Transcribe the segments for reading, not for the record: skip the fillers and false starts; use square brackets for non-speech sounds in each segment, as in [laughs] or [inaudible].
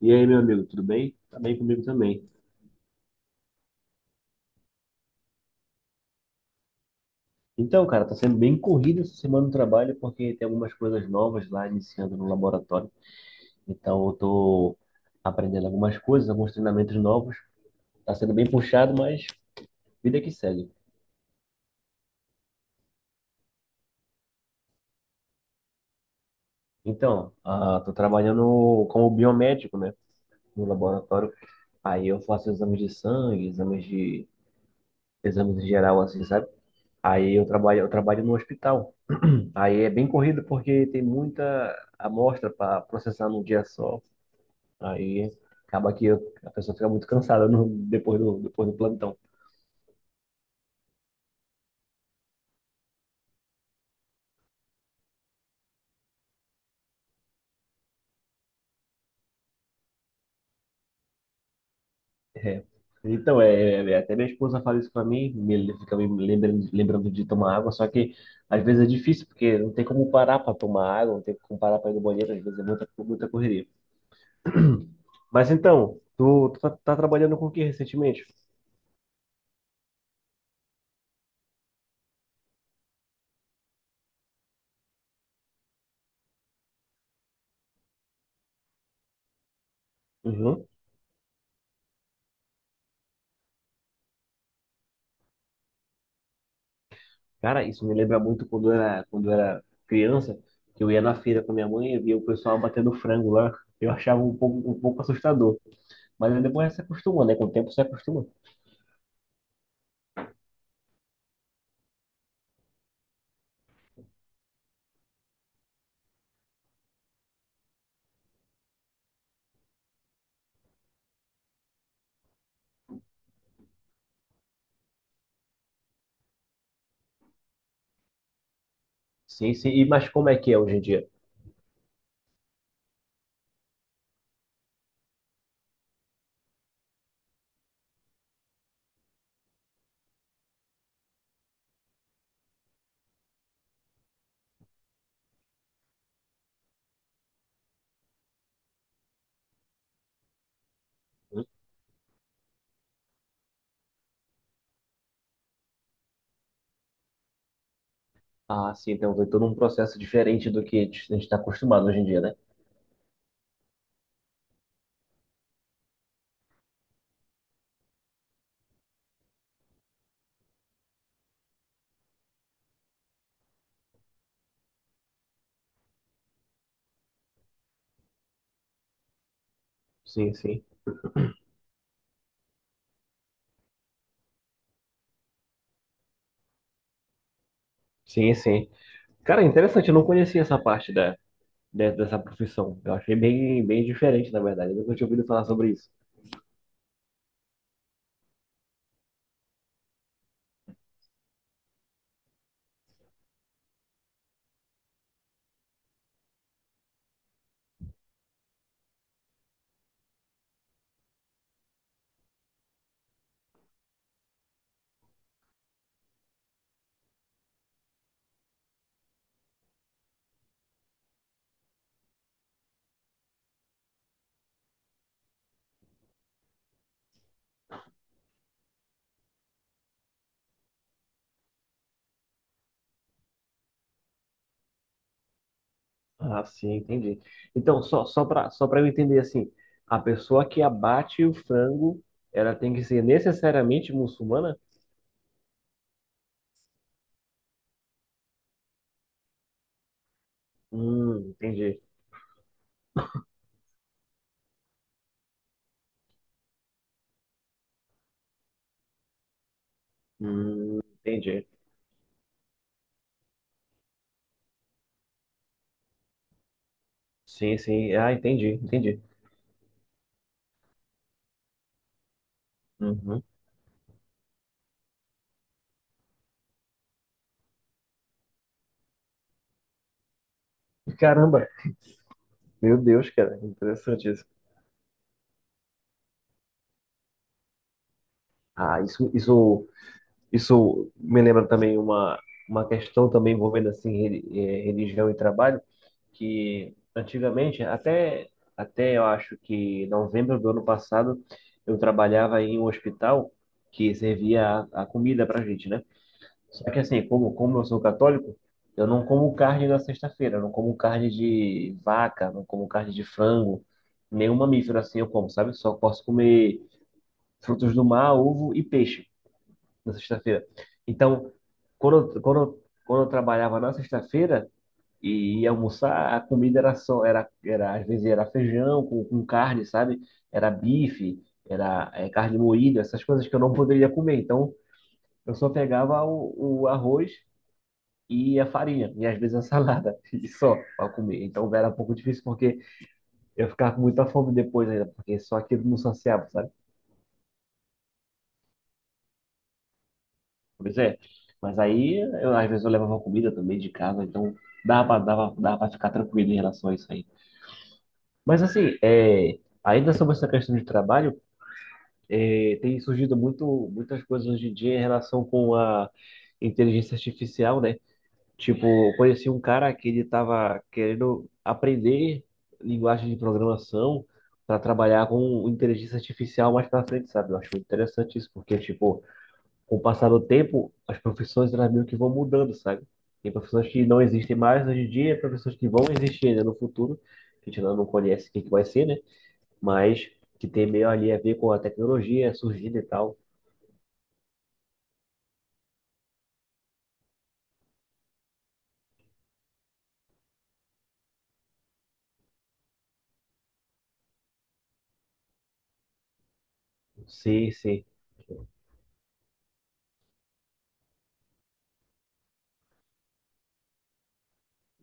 E aí, meu amigo, tudo bem? Tá bem comigo também. Então, cara, tá sendo bem corrido essa semana no trabalho porque tem algumas coisas novas lá iniciando no laboratório. Então, eu tô aprendendo algumas coisas, alguns treinamentos novos. Tá sendo bem puxado, mas vida que segue. Então, tô trabalhando como biomédico, né, no laboratório. Aí eu faço exames de sangue, exames em geral assim, sabe? Eu trabalho no hospital. Aí é bem corrido porque tem muita amostra para processar num dia só. Aí acaba que a pessoa fica muito cansada depois do plantão. É. Então, até minha esposa fala isso para mim, fica me lembrando, lembrando de tomar água, só que às vezes é difícil, porque não tem como parar para tomar água, não tem como parar para ir no banheiro, às vezes é muita correria. Mas então, tá trabalhando com o que recentemente? Uhum. Cara, isso me lembra muito quando eu era criança, que eu ia na feira com a minha mãe e via o pessoal batendo frango lá. Eu achava um pouco assustador. Mas aí depois se acostuma, né? Com o tempo se acostuma. Sim, sim. E mas como é que é hoje em dia? Hum? Ah, sim, então tem todo um processo diferente do que a gente está acostumado hoje em dia, né? Sim, sim. Sim, sim. Cara, interessante, eu não conhecia essa parte dessa profissão. Eu achei bem diferente, na verdade. Eu nunca tinha ouvido falar sobre isso. Ah, sim, entendi. Então, só para eu entender assim, a pessoa que abate o frango, ela tem que ser necessariamente muçulmana? Entendi. Hum, entendi. Sim, sim. Ah, entendi, entendi. Uhum. Caramba, meu Deus, cara, interessante isso. Ah, isso me lembra também uma questão também envolvendo assim religião e trabalho. Que antigamente, até eu acho que novembro do ano passado, eu trabalhava em um hospital que servia a comida pra gente, né? Só que assim, como eu sou católico, eu não como carne na sexta-feira, eu não como carne de vaca, não como carne de frango, nenhum mamífero assim eu como, sabe? Só posso comer frutos do mar, ovo e peixe na sexta-feira. Então, quando eu trabalhava na sexta-feira, e ia almoçar, a comida era às vezes era feijão com carne, sabe? Era bife, carne moída, essas coisas que eu não [laughs] poderia comer. Então, eu só pegava o arroz e a farinha, e às vezes a salada, [laughs] e só para comer. Então, era um pouco difícil porque eu ficava com muita fome depois ainda, porque só aquilo não saciava, sabe? Pois é. Mas aí, às vezes eu levava comida também de casa, então dava para ficar tranquilo em relação a isso aí. Mas assim, é, ainda sobre essa questão de trabalho, é, tem surgido muitas coisas hoje em dia em relação com a inteligência artificial, né? Tipo, eu conheci um cara que ele estava querendo aprender linguagem de programação para trabalhar com inteligência artificial mais para frente, sabe? Eu acho interessante isso, porque, tipo, com o passar do tempo, as profissões elas meio que vão mudando, sabe? Tem profissões que não existem mais hoje em dia, profissões que vão existir ainda no futuro, que a gente ainda não conhece o que que vai ser, né? Mas que tem meio ali a ver com a tecnologia surgindo e tal. Sim, sim,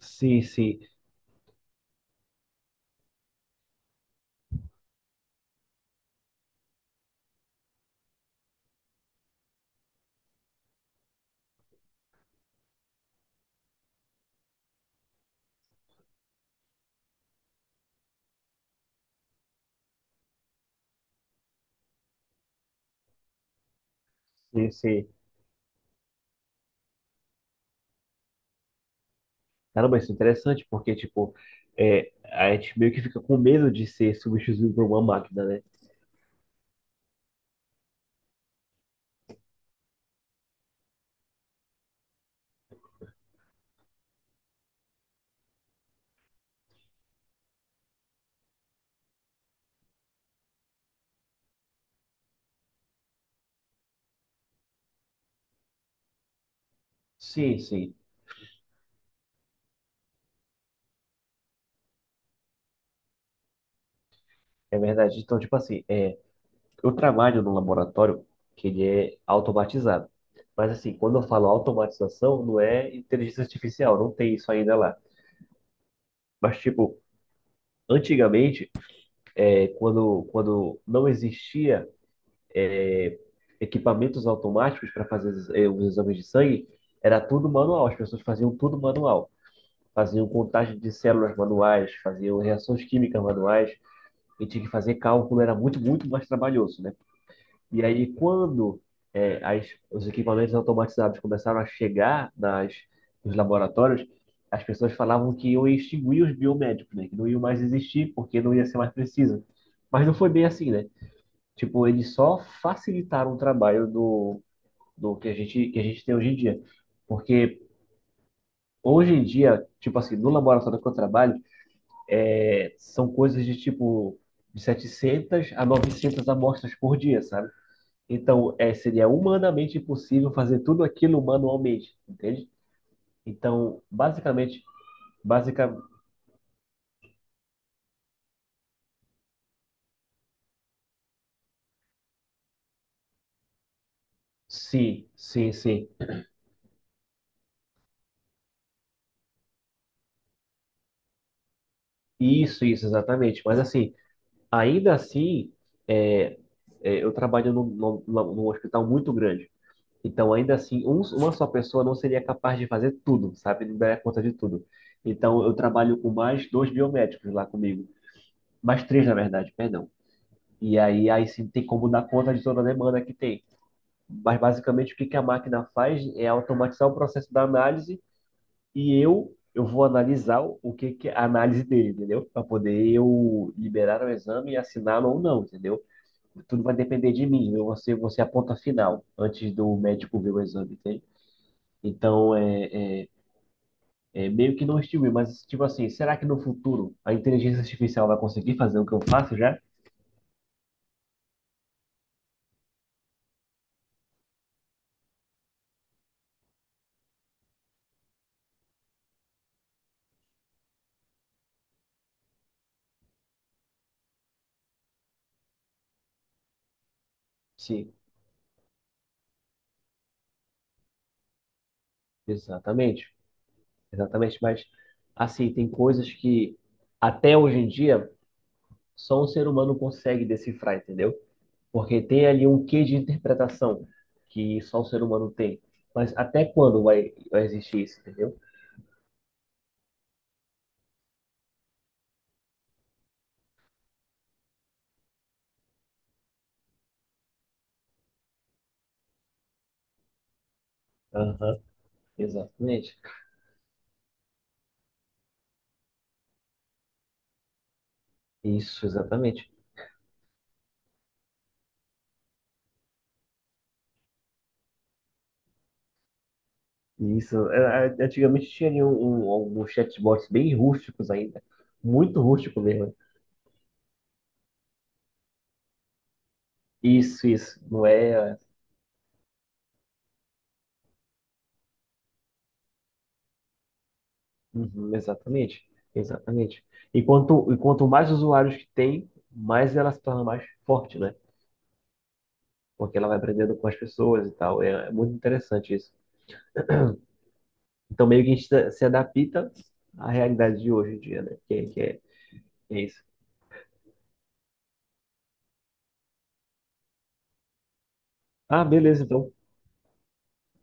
sim, sim, sim, sim. Caramba, isso é interessante, porque, tipo, é, a gente meio que fica com medo de ser substituído por uma máquina, né? Sim, sim, é verdade. Então, tipo assim, é, eu trabalho num laboratório que ele é automatizado. Mas, assim, quando eu falo automatização, não é inteligência artificial, não tem isso ainda lá. Mas, tipo, antigamente, é, quando não existia equipamentos automáticos para fazer os exames de sangue, era tudo manual, as pessoas faziam tudo manual. Faziam contagem de células manuais, faziam reações químicas manuais, e tinha que fazer cálculo, era muito mais trabalhoso, né? E aí, quando é, os equipamentos automatizados começaram a chegar nos laboratórios, as pessoas falavam que iam extinguir os biomédicos, né? Que não iam mais existir, porque não ia ser mais preciso. Mas não foi bem assim, né? Tipo, eles só facilitaram o trabalho do que que a gente tem hoje em dia. Porque hoje em dia, tipo assim, no laboratório que eu trabalho, é, são coisas de tipo de 700 a 900 amostras por dia, sabe? Então, é, seria humanamente impossível fazer tudo aquilo manualmente, entende? Então, basicamente, básica, sim, sim, sim. Isso, exatamente. Mas assim, ainda assim, é, eu trabalho num hospital muito grande. Então, ainda assim, uma só pessoa não seria capaz de fazer tudo, sabe? Não daria conta de tudo. Então, eu trabalho com mais dois biomédicos lá comigo. Mais três, na verdade, perdão. E aí, aí sim, tem como dar conta de toda a demanda que tem. Mas, basicamente, o que que a máquina faz é automatizar o processo da análise e eu vou analisar o que que é a análise dele, entendeu? Para poder eu liberar o exame e assiná-lo ou não, entendeu? Tudo vai depender de mim. Eu vou ser a ponta final antes do médico ver o exame, entende? Então, é meio que não estimula, mas, tipo assim, será que no futuro a inteligência artificial vai conseguir fazer o que eu faço já? Sim, exatamente. Exatamente, mas, assim, tem coisas que até hoje em dia só um ser humano consegue decifrar, entendeu? Porque tem ali um quê de interpretação que só o ser humano tem. Mas até quando vai existir isso, entendeu? Aham, exatamente. Isso, exatamente. Isso, é, é, antigamente tinha alguns chatbots bem rústicos ainda, muito rústico mesmo. Isso, não é? Uhum, exatamente, exatamente. E quanto mais usuários que tem, mais ela se torna mais forte, né? Porque ela vai aprendendo com as pessoas e tal, é muito interessante isso. Então meio que a gente se adapta à realidade de hoje em dia, né? É isso. Ah, beleza então,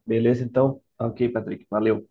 beleza então. Ok, Patrick, valeu.